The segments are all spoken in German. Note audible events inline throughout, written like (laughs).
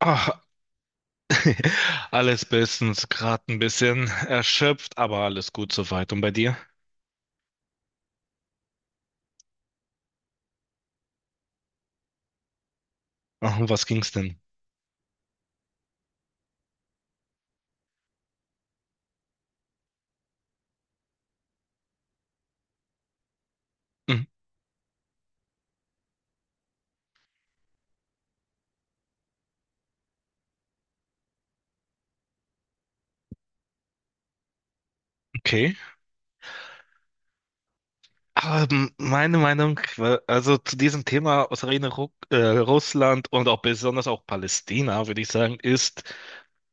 Ah, (laughs) alles bestens, gerade ein bisschen erschöpft, aber alles gut soweit. Und bei dir? Ach, um was ging's denn? Hm, Okay. Aber meine Meinung, also zu diesem Thema Ukraine, Ru Russland und auch besonders auch Palästina, würde ich sagen, ist,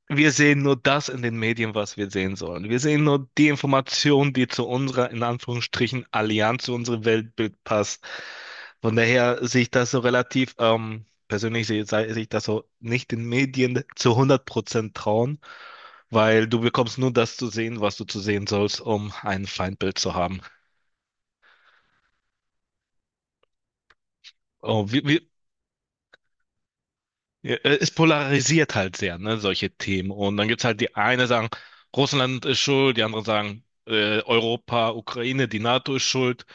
wir sehen nur das in den Medien, was wir sehen sollen. Wir sehen nur die Information, die zu unserer, in Anführungsstrichen, Allianz, zu unserem Weltbild passt. Von daher sehe ich das so relativ, persönlich sehe ich das so, nicht den Medien zu 100% trauen, weil du bekommst nur das zu sehen, was du zu sehen sollst, um ein Feindbild zu haben. Oh, ja, es polarisiert halt sehr, ne, solche Themen. Und dann gibt's halt die eine sagen, Russland ist schuld, die anderen sagen, Europa, Ukraine, die NATO ist schuld.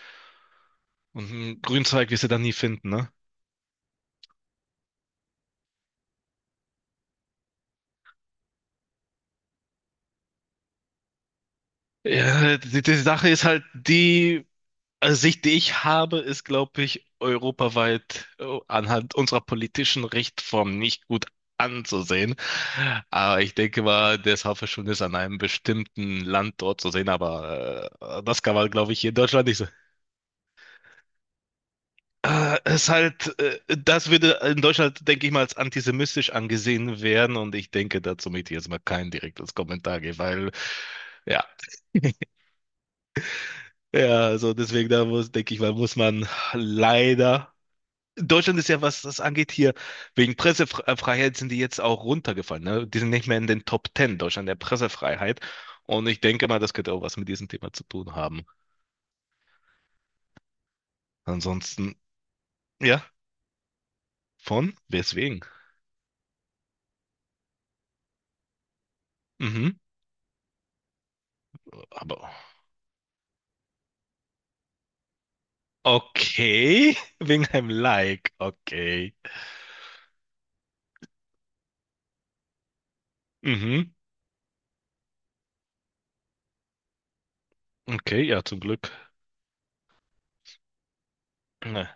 Und einen Grünzeug wirst du dann nie finden, ne? Ja, die Sache ist halt, die Sicht, die ich habe, ist, glaube ich, europaweit anhand unserer politischen Rechtsform nicht gut anzusehen. Aber ich denke mal, das Haferschwund ist an einem bestimmten Land dort zu sehen, aber das kann man, glaube ich, hier in Deutschland nicht so. Es halt, das würde in Deutschland, denke ich mal, als antisemitisch angesehen werden und ich denke, dazu möchte ich jetzt mal kein direktes Kommentar geben, weil, ja, ja, also deswegen, da muss, denke ich mal, muss man leider. Deutschland ist ja, was das angeht, hier wegen Pressefreiheit sind die jetzt auch runtergefallen, ne? Die sind nicht mehr in den Top Ten Deutschland der Pressefreiheit und ich denke mal, das könnte auch was mit diesem Thema zu tun haben. Ansonsten, ja, von, weswegen? Mhm. Aber. Okay, (laughs) wegen einem Like. Okay. Mhm. Okay, ja, zum Glück. Ne.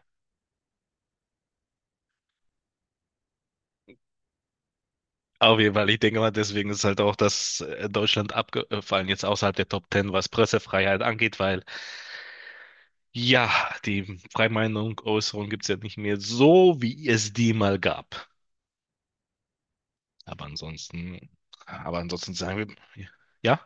Auf jeden Fall, ich denke mal, deswegen ist halt auch das Deutschland abgefallen, jetzt außerhalb der Top Ten, was Pressefreiheit angeht, weil ja, die Freimeinung, Äußerung gibt es ja nicht mehr so, wie es die mal gab. Aber ansonsten, aber ansonsten sagen wir, ja,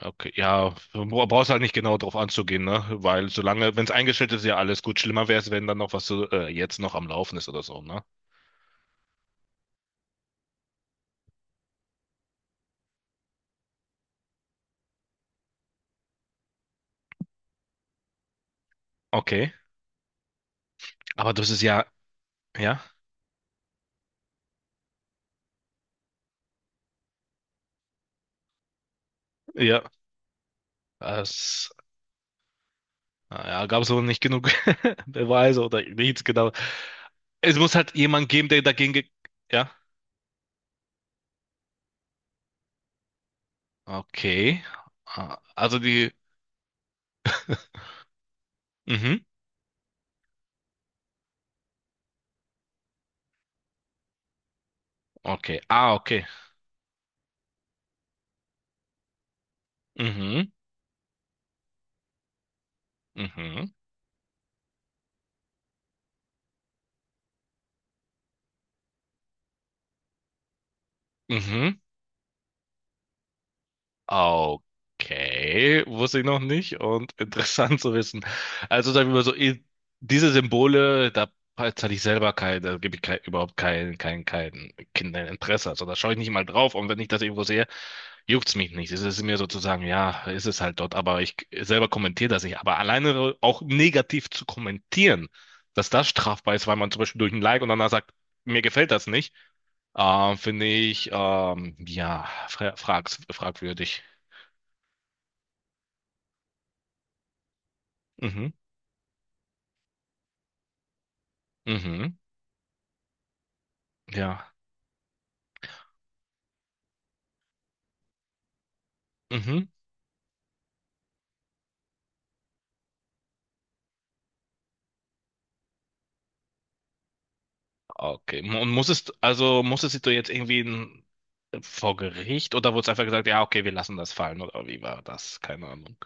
okay, ja, brauchst halt nicht genau drauf anzugehen, ne? Weil solange, wenn es eingestellt ist, ja alles gut. Schlimmer wäre es, wenn dann noch was so, jetzt noch am Laufen ist oder so, ne? Okay, aber das ist ja, ja, ja, es ja, gab es wohl nicht genug (laughs) Beweise oder nichts genau. Es muss halt jemand geben, der dagegen, ge ja, okay, ah, also die, mhm, okay, ah, okay, mhm, mhm, mhm, okay, wusste ich noch nicht und (laughs) interessant zu wissen. Also sagen wir mal so, i- diese Symbole, da zahle ich selber kein, da gebe ich kein, überhaupt kein, kein Kinderinteresse, also da schaue ich nicht mal drauf und wenn ich das irgendwo sehe, juckt's mich nicht. Es ist mir sozusagen, ja, ist es halt dort, aber ich selber kommentiere das nicht. Aber alleine auch negativ zu kommentieren, dass das strafbar ist, weil man zum Beispiel durch ein Like und danach sagt, mir gefällt das nicht, finde ich, ja, fragwürdig. Mhm, mhm, ja, mhm. Okay. Und muss es, also musstest du jetzt irgendwie in, vor Gericht oder wurde es einfach gesagt, ja, okay, wir lassen das fallen oder wie war das? Keine Ahnung.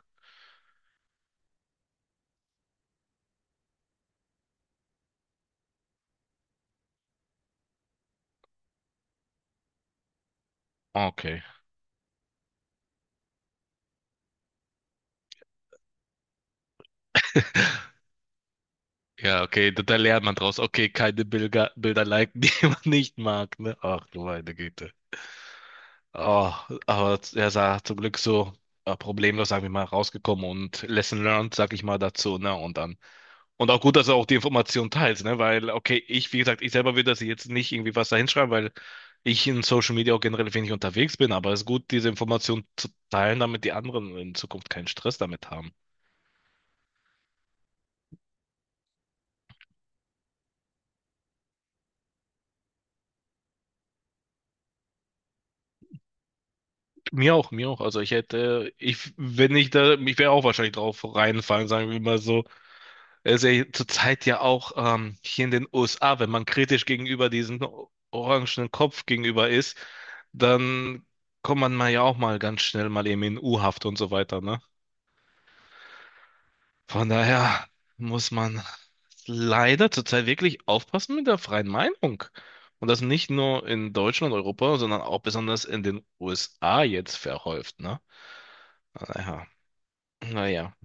Okay. (laughs) Ja, okay, da, da lernt man draus. Okay, keine Bilder, Bilder liken, (laughs) die man nicht mag, ne? Ach du meine Güte. Oh, aber er sah zum Glück so problemlos, sag ich mal, rausgekommen und Lesson learned, sag ich mal, dazu, ne? Und dann. Und auch gut, dass er auch die Information teilt, ne? Weil, okay, ich, wie gesagt, ich selber würde das jetzt nicht irgendwie was da hinschreiben, weil ich in Social Media auch generell wenig unterwegs bin, aber es ist gut, diese Information zu teilen, damit die anderen in Zukunft keinen Stress damit haben. Mir auch, mir auch. Also ich hätte, ich, wenn ich da, ich wäre auch wahrscheinlich drauf reinfallen, sagen wir mal so. Es ist ja zurzeit ja auch hier in den USA, wenn man kritisch gegenüber diesem orangenen Kopf gegenüber ist, dann kommt man mal ja auch mal ganz schnell mal eben in U-Haft und so weiter, ne? Von daher muss man leider zurzeit wirklich aufpassen mit der freien Meinung. Und das nicht nur in Deutschland, Europa, sondern auch besonders in den USA jetzt verhäuft, ne? Naja, naja.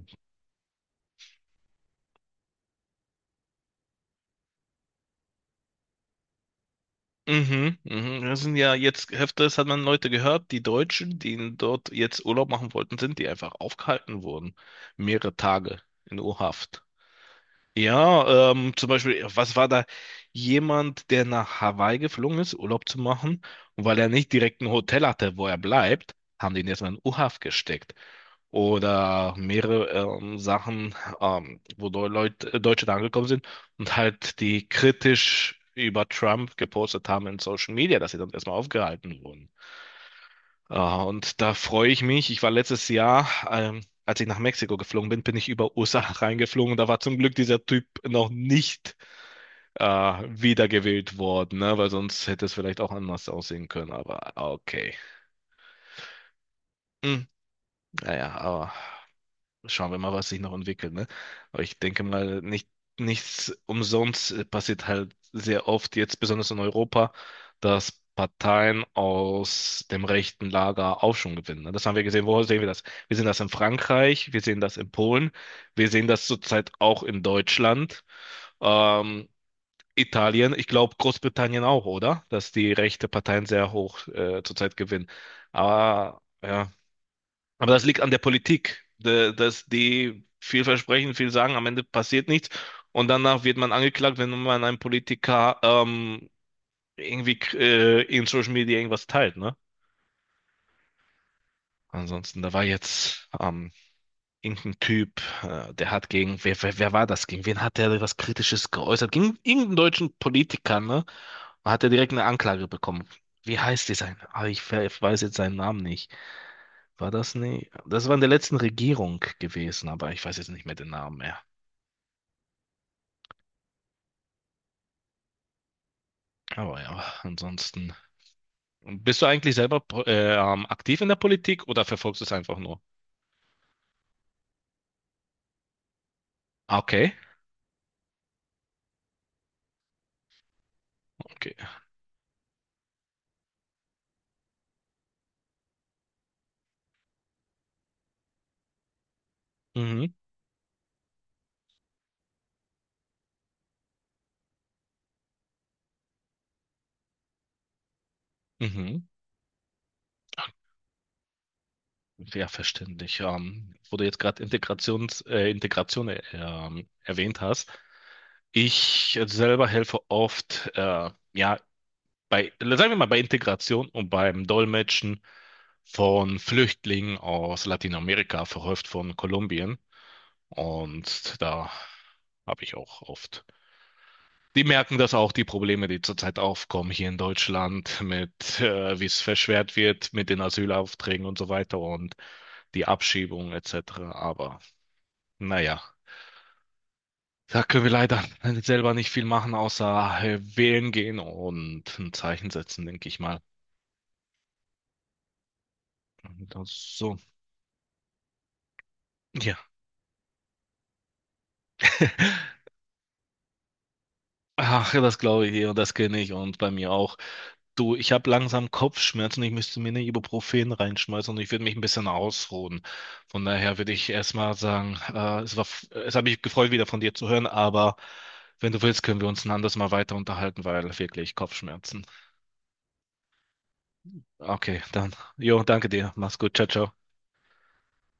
Mhm, mhm. Das sind ja jetzt öfters hat man Leute gehört, die Deutschen, die dort jetzt Urlaub machen wollten, sind, die einfach aufgehalten wurden. Mehrere Tage in U-Haft. Ja, zum Beispiel, was war da jemand, der nach Hawaii geflogen ist, Urlaub zu machen, und weil er nicht direkt ein Hotel hatte, wo er bleibt, haben die ihn erstmal in U-Haft gesteckt oder mehrere Sachen, wo Leute, Deutsche da angekommen sind und halt die kritisch über Trump gepostet haben in Social Media, dass sie dann erstmal aufgehalten wurden. Äh, und da freue ich mich. Ich war letztes Jahr, als ich nach Mexiko geflogen bin, bin ich über USA (laughs) reingeflogen und da war zum Glück dieser Typ noch nicht wiedergewählt worden, ne? Weil sonst hätte es vielleicht auch anders aussehen können, aber okay. Hm, naja, aber schauen wir mal, was sich noch entwickelt, ne? Aber ich denke mal, nicht, nichts umsonst passiert halt sehr oft, jetzt besonders in Europa, dass Parteien aus dem rechten Lager Aufschwung gewinnen, ne? Das haben wir gesehen. Wo sehen wir das? Wir sehen das in Frankreich, wir sehen das in Polen, wir sehen das zurzeit auch in Deutschland, ähm, Italien, ich glaube Großbritannien auch, oder? Dass die rechte Parteien sehr hoch zurzeit gewinnen. Aber ja. Aber das liegt an der Politik, dass die viel versprechen, viel sagen, am Ende passiert nichts und danach wird man angeklagt, wenn man einem Politiker irgendwie in Social Media irgendwas teilt, ne? Ansonsten, da war jetzt irgendein Typ, der hat gegen, wer war das? Gegen wen hat der was Kritisches geäußert? Gegen irgendeinen deutschen Politiker, ne? Und hat er direkt eine Anklage bekommen. Wie heißt dieser? Ah, ich, ich weiß jetzt seinen Namen nicht. War das nie? Das war in der letzten Regierung gewesen, aber ich weiß jetzt nicht mehr den Namen mehr. Aber ja, ansonsten. Und bist du eigentlich selber aktiv in der Politik oder verfolgst du es einfach nur? Ah, okay, okay. Mhm, mhm. Ja, verständlich. Wo du jetzt gerade Integration erwähnt hast. Ich selber helfe oft, ja, bei, sagen wir mal, bei Integration und beim Dolmetschen von Flüchtlingen aus Lateinamerika, verhäuft von Kolumbien. Und da habe ich auch oft. Die merken das auch, die Probleme, die zurzeit aufkommen hier in Deutschland mit, wie es verschwert wird mit den Asylaufträgen und so weiter und die Abschiebung etc. Aber naja, da können wir leider selber nicht viel machen, außer wählen gehen und ein Zeichen setzen, denke ich mal. Das, so, ja. Ach, das glaube ich eh und das kenne ich und bei mir auch. Du, ich habe langsam Kopfschmerzen, ich müsste mir eine Ibuprofen reinschmeißen und ich würde mich ein bisschen ausruhen. Von daher würde ich erstmal sagen, es war, es hat mich gefreut, wieder von dir zu hören, aber wenn du willst, können wir uns ein anderes Mal weiter unterhalten, weil wirklich Kopfschmerzen. Okay, dann. Jo, danke dir. Mach's gut. Ciao, ciao.